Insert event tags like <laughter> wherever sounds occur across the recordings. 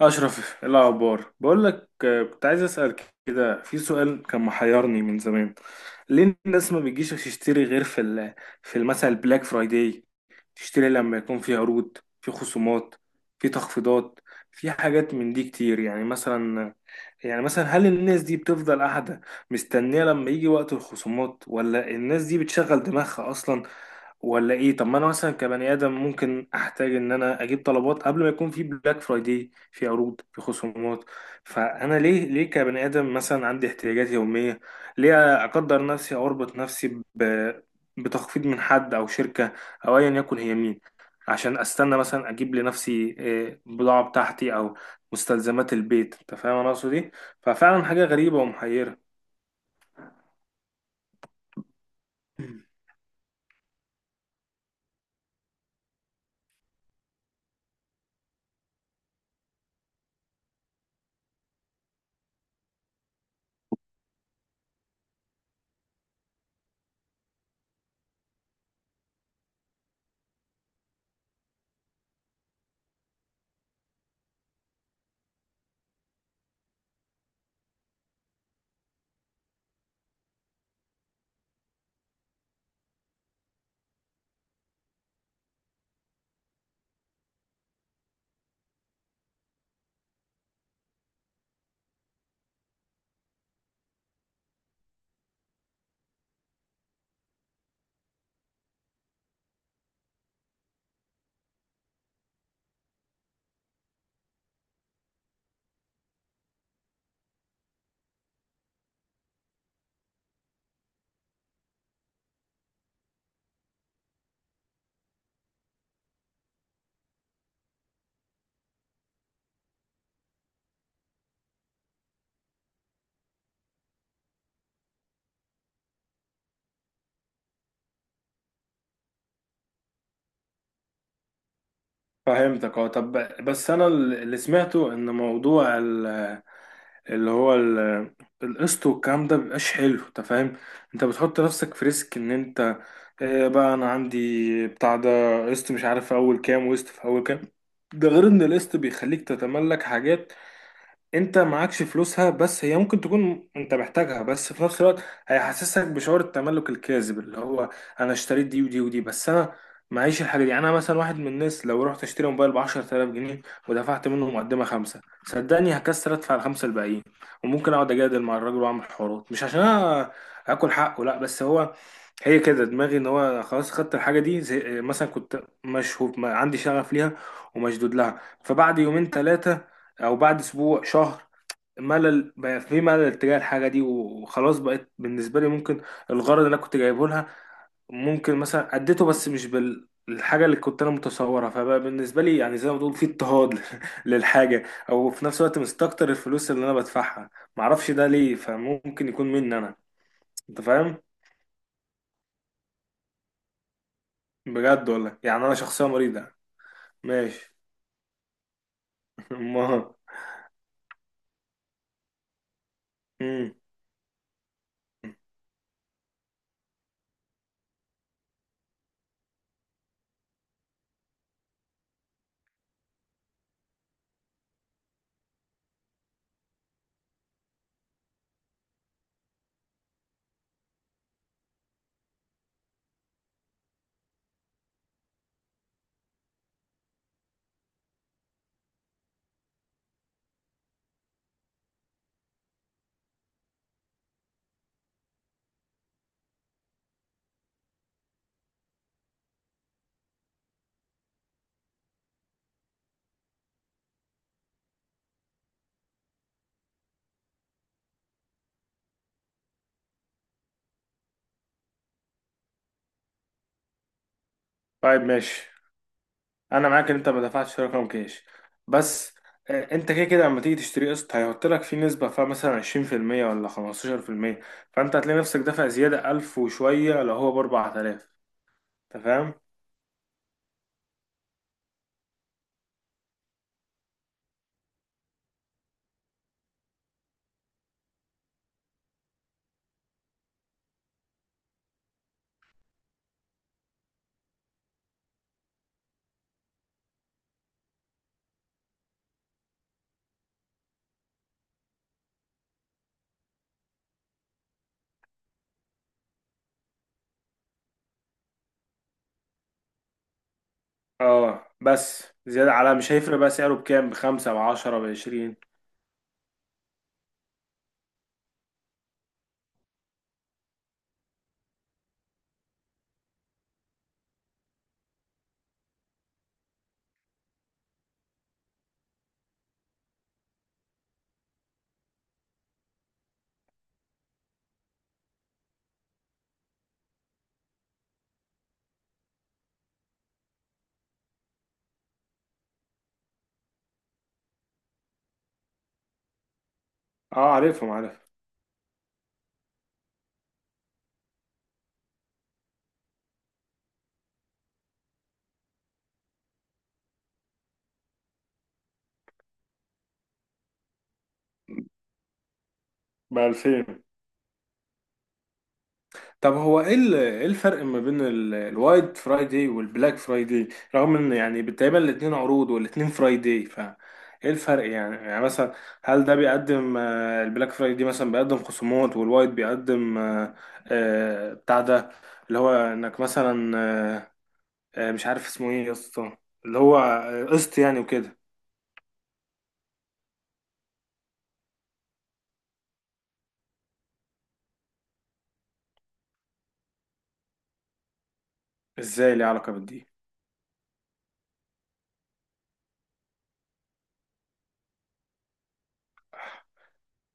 أشرف، إيه الأخبار؟ بقول لك، كنت عايز أسأل كده. في سؤال كان محيرني من زمان. ليه الناس ما بتجيش تشتري غير في في مثلا البلاك فرايداي؟ تشتري لما يكون في عروض، في خصومات، في تخفيضات، في حاجات من دي كتير. يعني مثلا هل الناس دي بتفضل قاعدة مستنية لما يجي وقت الخصومات، ولا الناس دي بتشغل دماغها أصلا، ولا ايه؟ طب ما انا مثلا كبني ادم ممكن احتاج ان انا اجيب طلبات قبل ما يكون في بلاك فرايداي، في عروض، في خصومات. فانا ليه كبني ادم مثلا عندي احتياجات يوميه، ليه اقدر نفسي او اربط نفسي ب... بتخفيض من حد او شركه، او ايا يكن هي مين، عشان استنى مثلا اجيب لنفسي بضاعه بتاعتي او مستلزمات البيت؟ انت فاهم انا اقصد ايه؟ ففعلا حاجه غريبه ومحيره. فهمتك، اه. طب بس انا اللي سمعته ان موضوع اللي هو القسط والكلام ده مبيبقاش حلو. انت فاهم؟ انت بتحط نفسك في ريسك ان انت، اه، بقى انا عندي بتاع ده قسط مش عارف في اول كام، وقسط في اول كام. ده غير ان القسط بيخليك تتملك حاجات انت معكش فلوسها، بس هي ممكن تكون انت محتاجها، بس في نفس الوقت هيحسسك بشعور التملك الكاذب، اللي هو، انا اشتريت دي ودي ودي بس انا معيش الحاجه دي. يعني انا مثلا واحد من الناس لو رحت اشتري موبايل ب 10000 جنيه، ودفعت منه مقدمه خمسه، صدقني هكسر ادفع الخمسه الباقيين، وممكن اقعد اجادل مع الراجل واعمل حوارات، مش عشان انا اكل حقه، لا، بس هو، هي كده دماغي ان هو خلاص خدت الحاجه دي. زي مثلا كنت مشهور عندي شغف ليها ومشدود لها، فبعد يومين ثلاثه، او بعد اسبوع شهر، ملل بقى، في ملل تجاه الحاجه دي وخلاص. بقت بالنسبه لي ممكن الغرض اللي انا كنت جايبه لها ممكن مثلا اديته، بس مش بالحاجه اللي كنت انا متصورها. فبقى بالنسبه لي يعني زي ما بتقول في اضطهاد <laughs> للحاجه، او في نفس الوقت مستكتر الفلوس اللي انا بدفعها. معرفش ده ليه، فممكن يكون مني انا. انت فاهم؟ بجد والله، يعني انا شخصيه مريضه. ماشي. <laughs> ما مم. طيب ماشي. انا معاك ان انت ما دفعتش في رقم كاش. بس انت كده كده لما تيجي تشتري قسط هيحط لك فيه نسبه، فيها مثلا 20% ولا 15%. فانت هتلاقي نفسك دافع زياده 1000 وشويه لو هو ب 4000. انت فاهم؟ اه، بس زياده على مش هيفرق بقى سعره بكام، بخمسة بعشرة بعشرين. اه، عارفهم، عارف. بألفين. طب هو ايه إيه الفرق ما بين الوايت فرايداي والبلاك فرايداي، رغم ان يعني تقريبا الاتنين عروض والاتنين فرايداي؟ ف ايه الفرق؟ يعني مثلا هل ده بيقدم، البلاك فرايداي مثلا بيقدم خصومات، والوايت بيقدم، بتاع ده، اللي هو انك مثلا، آه، مش عارف اسمه ايه يا اسطى، اللي هو قسط يعني وكده. ازاي ليه علاقة بالدي؟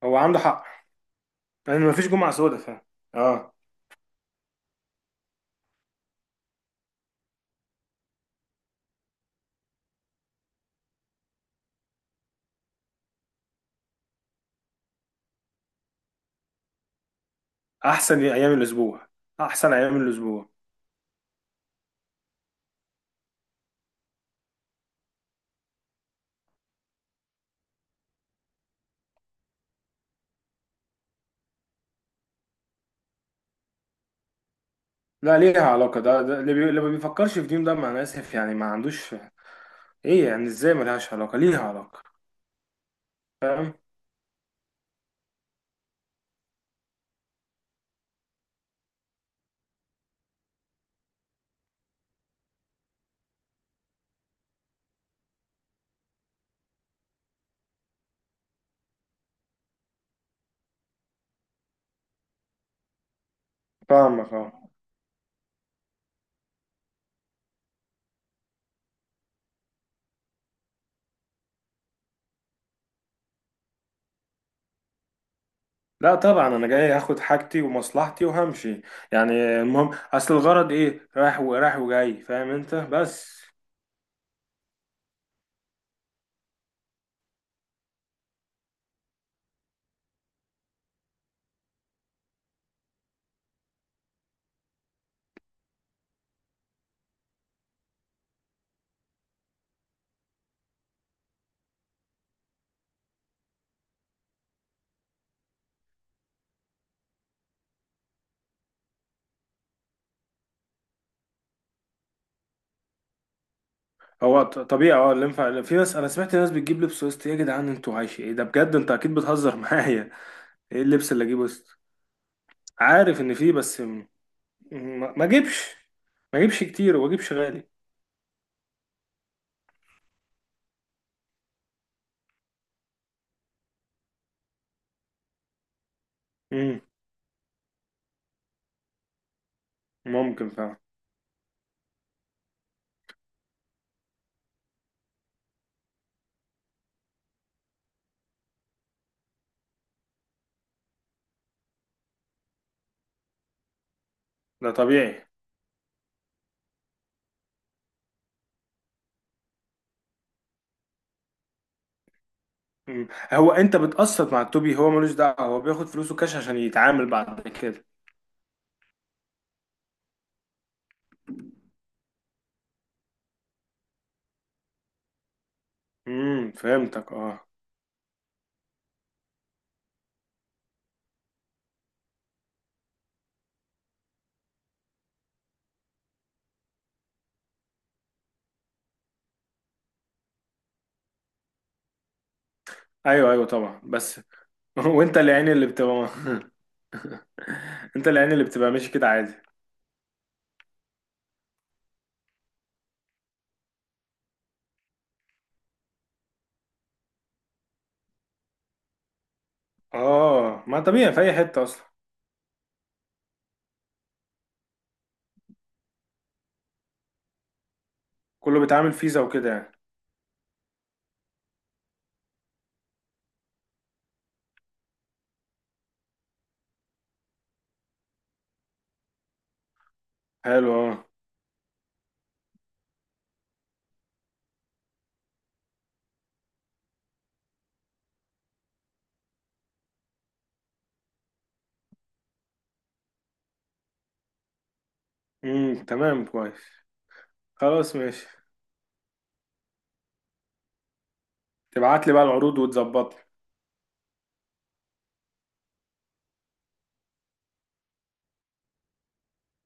هو عنده حق. لان مفيش جمعة سوداء اه. احسن ايام الاسبوع. احسن ايام الاسبوع. لا، ليها علاقة. ده اللي ما بيفكرش في دين ده، مع أنا آسف يعني، ما عندوش. إيه يعني إزاي ملهاش علاقة؟ ليها علاقة. فاهم. فاهمك، أه. لا طبعا أنا جاي هاخد حاجتي ومصلحتي وهمشي. يعني المهم أصل الغرض إيه، رايح ورايح وجاي. فاهم أنت بس. هو طبيعي، أه. اللي ينفع في ناس. أنا سمعت ناس بتجيب لبس وسط. يا جدعان، أنتوا عايش إيه ده بجد؟ أنت أكيد بتهزر <laughs> معايا. إيه اللبس اللي أجيبه وسط؟ عارف إن فيه، بس م- ما أجيبش ما أجيبش كتير، وما أجيبش غالي. مم، ممكن فعلا. ده طبيعي. هو انت بتقسط مع التوبي؟ هو ملوش دعوه، هو بياخد فلوسه كاش عشان يتعامل بعد كده. فهمتك، اه. ايوه ايوه طبعا، بس <laughs> وانت اللي عيني اللي بتبقى. <laughs> انت اللي عيني اللي بتبقى، ماشي كده عادي. اه، ما طبيعي في اي حته اصلا. كله بيتعامل فيزا وكده يعني. حلو، اه. تمام كويس. خلاص ماشي. تبعت لي بقى العروض وتظبطني.